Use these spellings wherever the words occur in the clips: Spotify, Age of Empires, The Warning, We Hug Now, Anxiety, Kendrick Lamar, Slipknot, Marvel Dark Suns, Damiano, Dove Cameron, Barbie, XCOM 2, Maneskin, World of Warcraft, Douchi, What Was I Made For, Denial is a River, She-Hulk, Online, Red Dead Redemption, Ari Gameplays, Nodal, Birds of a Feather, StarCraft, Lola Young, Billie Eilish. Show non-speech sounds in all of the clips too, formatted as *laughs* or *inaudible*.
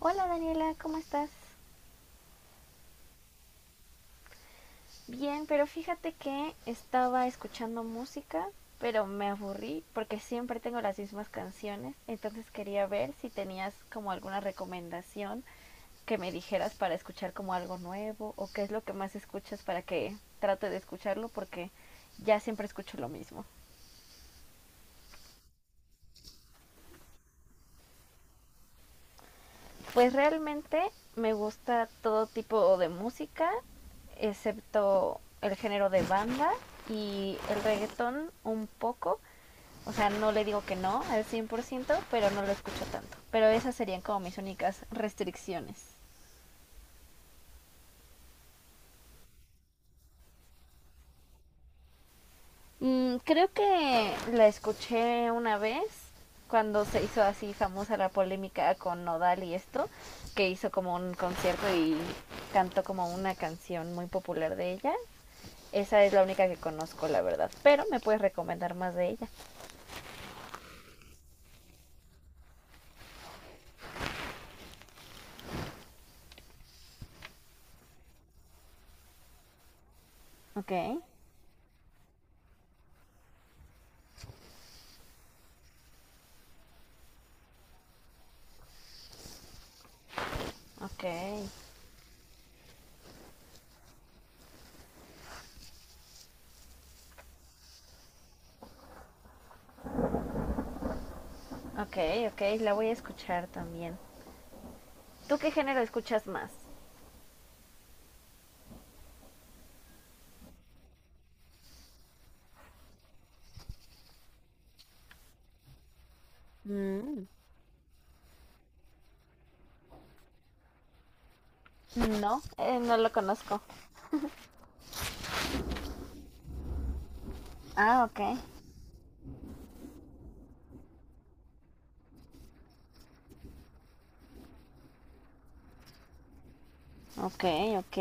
Hola Daniela, ¿cómo estás? Bien, pero fíjate que estaba escuchando música, pero me aburrí porque siempre tengo las mismas canciones, entonces quería ver si tenías como alguna recomendación que me dijeras para escuchar como algo nuevo o qué es lo que más escuchas para que trate de escucharlo porque ya siempre escucho lo mismo. Pues realmente me gusta todo tipo de música, excepto el género de banda y el reggaetón un poco. O sea, no le digo que no al 100%, pero no lo escucho tanto. Pero esas serían como mis únicas restricciones. Mm, creo que la escuché una vez cuando se hizo así famosa la polémica con Nodal y esto, que hizo como un concierto y cantó como una canción muy popular de ella. Esa es la única que conozco, la verdad. Pero me puedes recomendar más de ella. Ok, ok, ok, ok. La voy a escuchar también. ¿Tú qué género escuchas más? Mm. No. No lo conozco. Ah, ok. Ok, ok.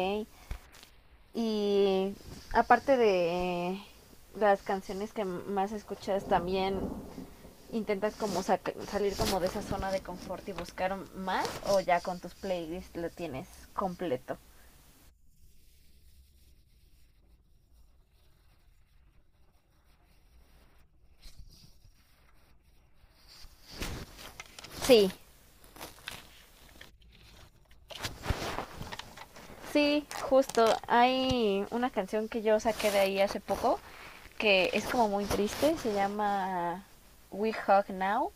Y aparte de las canciones que más escuchas, también intentas como salir como de esa zona de confort y buscar más o ya con tus playlists lo tienes completo. Sí, sí, justo. Hay una canción que yo saqué de ahí hace poco que es como muy triste. Se llama We Hug Now,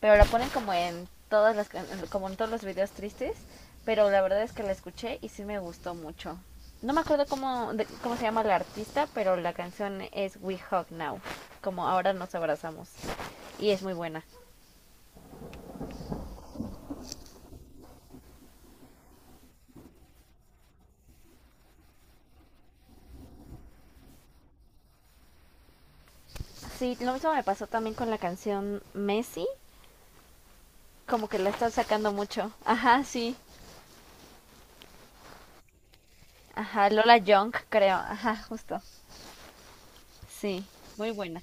pero la ponen como en todas las como en todos los videos tristes. Pero la verdad es que la escuché y sí me gustó mucho. No me acuerdo cómo, cómo se llama la artista, pero la canción es We Hug Now, como ahora nos abrazamos. Y es muy buena. Sí, lo mismo me pasó también con la canción Messi, como que la están sacando mucho. Ajá, sí. Ajá, Lola Young, creo. Ajá, justo. Sí. *laughs* Muy buena.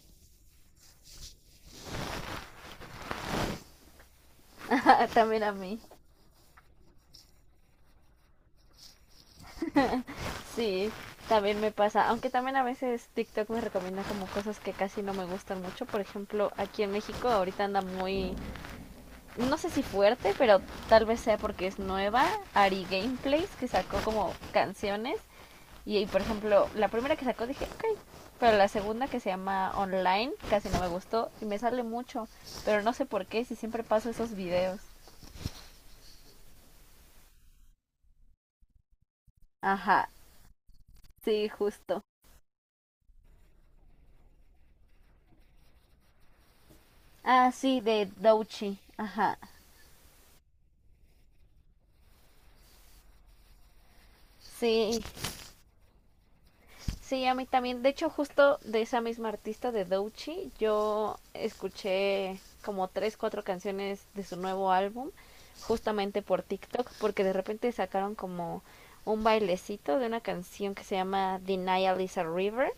Ajá, *laughs* también a mí. Sí, también me pasa. Aunque también a veces TikTok me recomienda como cosas que casi no me gustan mucho. Por ejemplo, aquí en México ahorita anda muy, no sé si fuerte, pero tal vez sea porque es nueva. Ari Gameplays, que sacó como canciones. Por ejemplo, la primera que sacó dije, ok. Pero la segunda que se llama Online, casi no me gustó y me sale mucho. Pero no sé por qué, si siempre paso esos videos. Ajá, sí, justo. Ah, sí, de Douchi. Ajá. Sí, sí, a mí también. De hecho, justo de esa misma artista de Douchi, yo escuché como tres, cuatro canciones de su nuevo álbum, justamente por TikTok, porque de repente sacaron como un bailecito de una canción que se llama Denial is a River.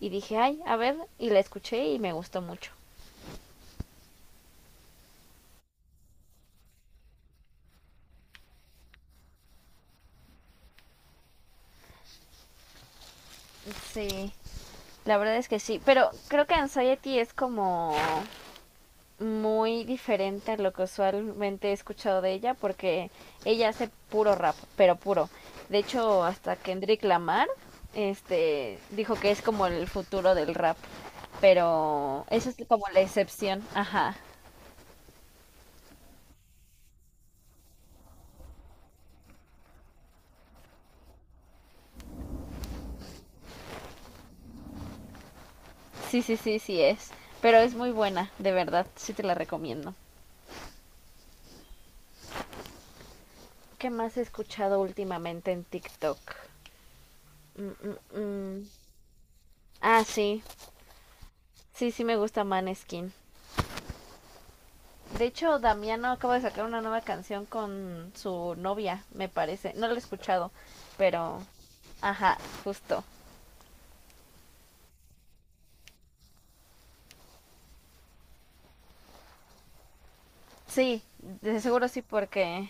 Y dije, ay, a ver, y la escuché y me gustó mucho. Sí, la verdad es que sí. Pero creo que Anxiety es como muy diferente a lo que usualmente he escuchado de ella, porque ella hace puro rap, pero puro. De hecho, hasta Kendrick Lamar, este, dijo que es como el futuro del rap, pero eso es como la excepción. Ajá. Sí, sí, sí, sí es. Pero es muy buena, de verdad, sí te la recomiendo. ¿Qué más he escuchado últimamente en TikTok? Mm, mm, mm. Ah, sí. Sí, sí me gusta Maneskin. De hecho, Damiano acaba de sacar una nueva canción con su novia, me parece. No la he escuchado, pero... Ajá, justo. Sí, de seguro sí porque...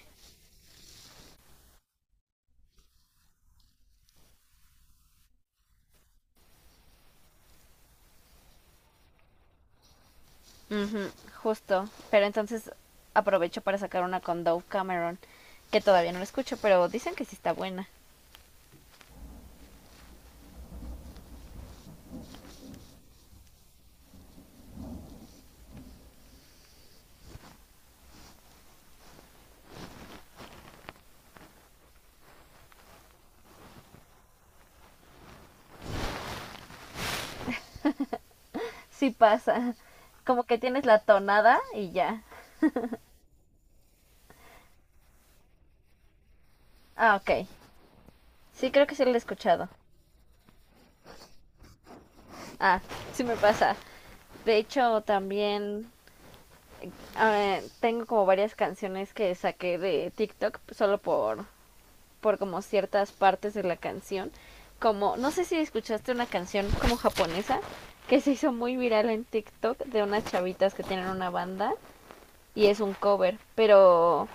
ujú, justo. Pero entonces aprovecho para sacar una con Dove Cameron, que todavía no la escucho, pero dicen que sí está buena. Sí pasa. *laughs* Como que tienes la tonada y ya. Ah, ok. Sí, creo que sí lo he escuchado. Ah, sí me pasa. De hecho, también tengo como varias canciones que saqué de TikTok solo por como ciertas partes de la canción. Como, no sé si escuchaste una canción como japonesa que se hizo muy viral en TikTok de unas chavitas que tienen una banda y es un cover, pero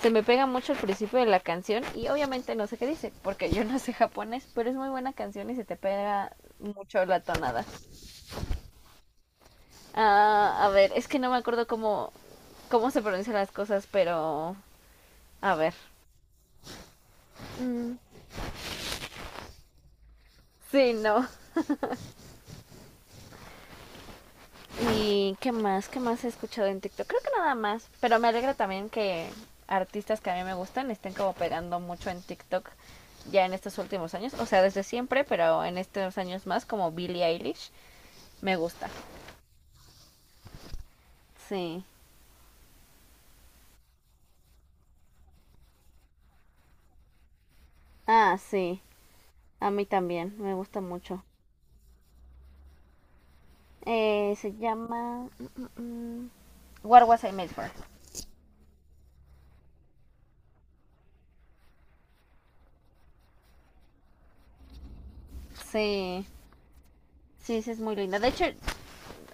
se me pega mucho el principio de la canción y obviamente no sé qué dice, porque yo no sé japonés, pero es muy buena canción y se te pega mucho la tonada. Ah, a ver, es que no me acuerdo cómo, cómo se pronuncian las cosas, pero a ver. Mm, sí, no. ¿Y qué más? ¿Qué más he escuchado en TikTok? Creo que nada más. Pero me alegra también que artistas que a mí me gustan estén como pegando mucho en TikTok ya en estos últimos años. O sea, desde siempre, pero en estos años más, como Billie Eilish, me gusta. Sí. Ah, sí. A mí también. Me gusta mucho. Se llama... mm, mm, mm, What Was I Made For. Sí. Sí, sí, es muy linda. De hecho,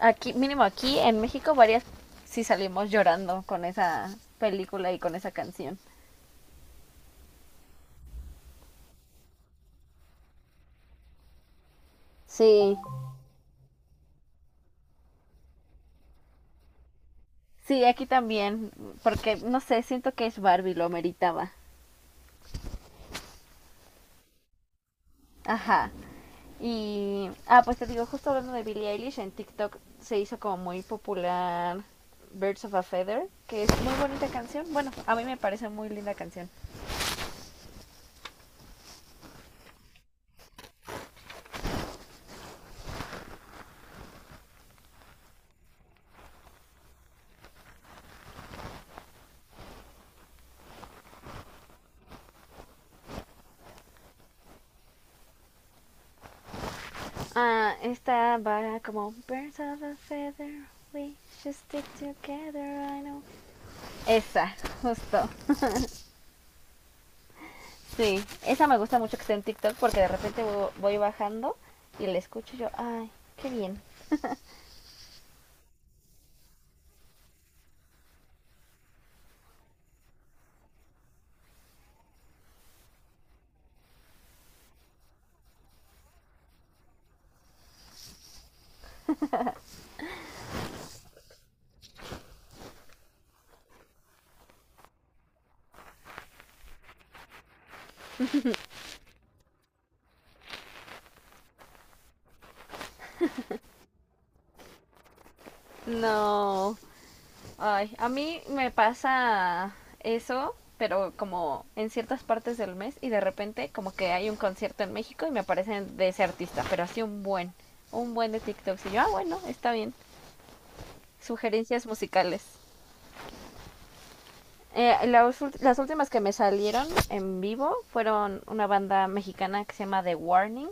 aquí, mínimo aquí en México, varias sí salimos llorando con esa película y con esa canción. Sí, sí, aquí también, porque no sé, siento que es Barbie, lo meritaba. Ajá. Y, ah, pues te digo, justo hablando de Billie Eilish, en TikTok se hizo como muy popular Birds of a Feather, que es muy bonita canción. Bueno, a mí me parece muy linda canción. Ah, esta va como Birds of a Feather, we should stick together, I know. Esa, justo. Sí, esa me gusta mucho que esté en TikTok porque de repente voy bajando y la escucho y yo, ay, qué bien. No, ay, a mí me pasa eso, pero como en ciertas partes del mes y de repente como que hay un concierto en México y me aparecen de ese artista, pero así un buen de TikTok. Y yo, ah, bueno, está bien. Sugerencias musicales. Las últimas que me salieron en vivo fueron una banda mexicana que se llama The Warning.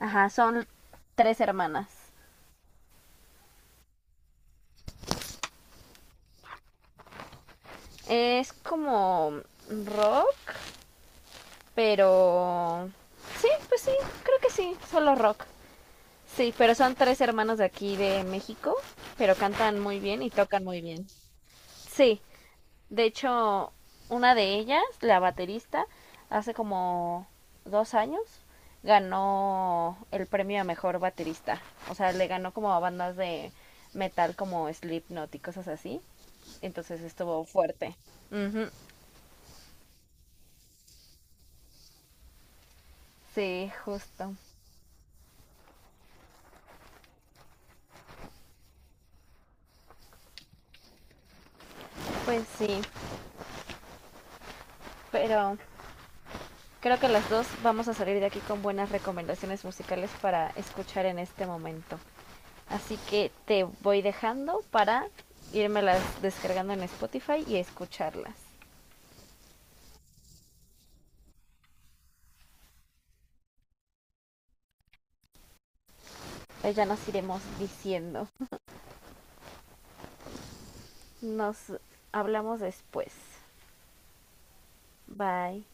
Ajá, son tres hermanas. Es como rock, pero... Sí, pues sí, creo que sí, solo rock. Sí, pero son tres hermanos de aquí de México, pero cantan muy bien y tocan muy bien. Sí, de hecho, una de ellas, la baterista, hace como 2 años ganó el premio a mejor baterista. O sea, le ganó como a bandas de metal como Slipknot y cosas así. Entonces estuvo fuerte. Ujú. Sí, justo. Pues sí, pero creo que las dos vamos a salir de aquí con buenas recomendaciones musicales para escuchar en este momento. Así que te voy dejando para irmelas descargando en Spotify y escucharlas. Pues ya nos iremos diciendo. Nos hablamos después. Bye.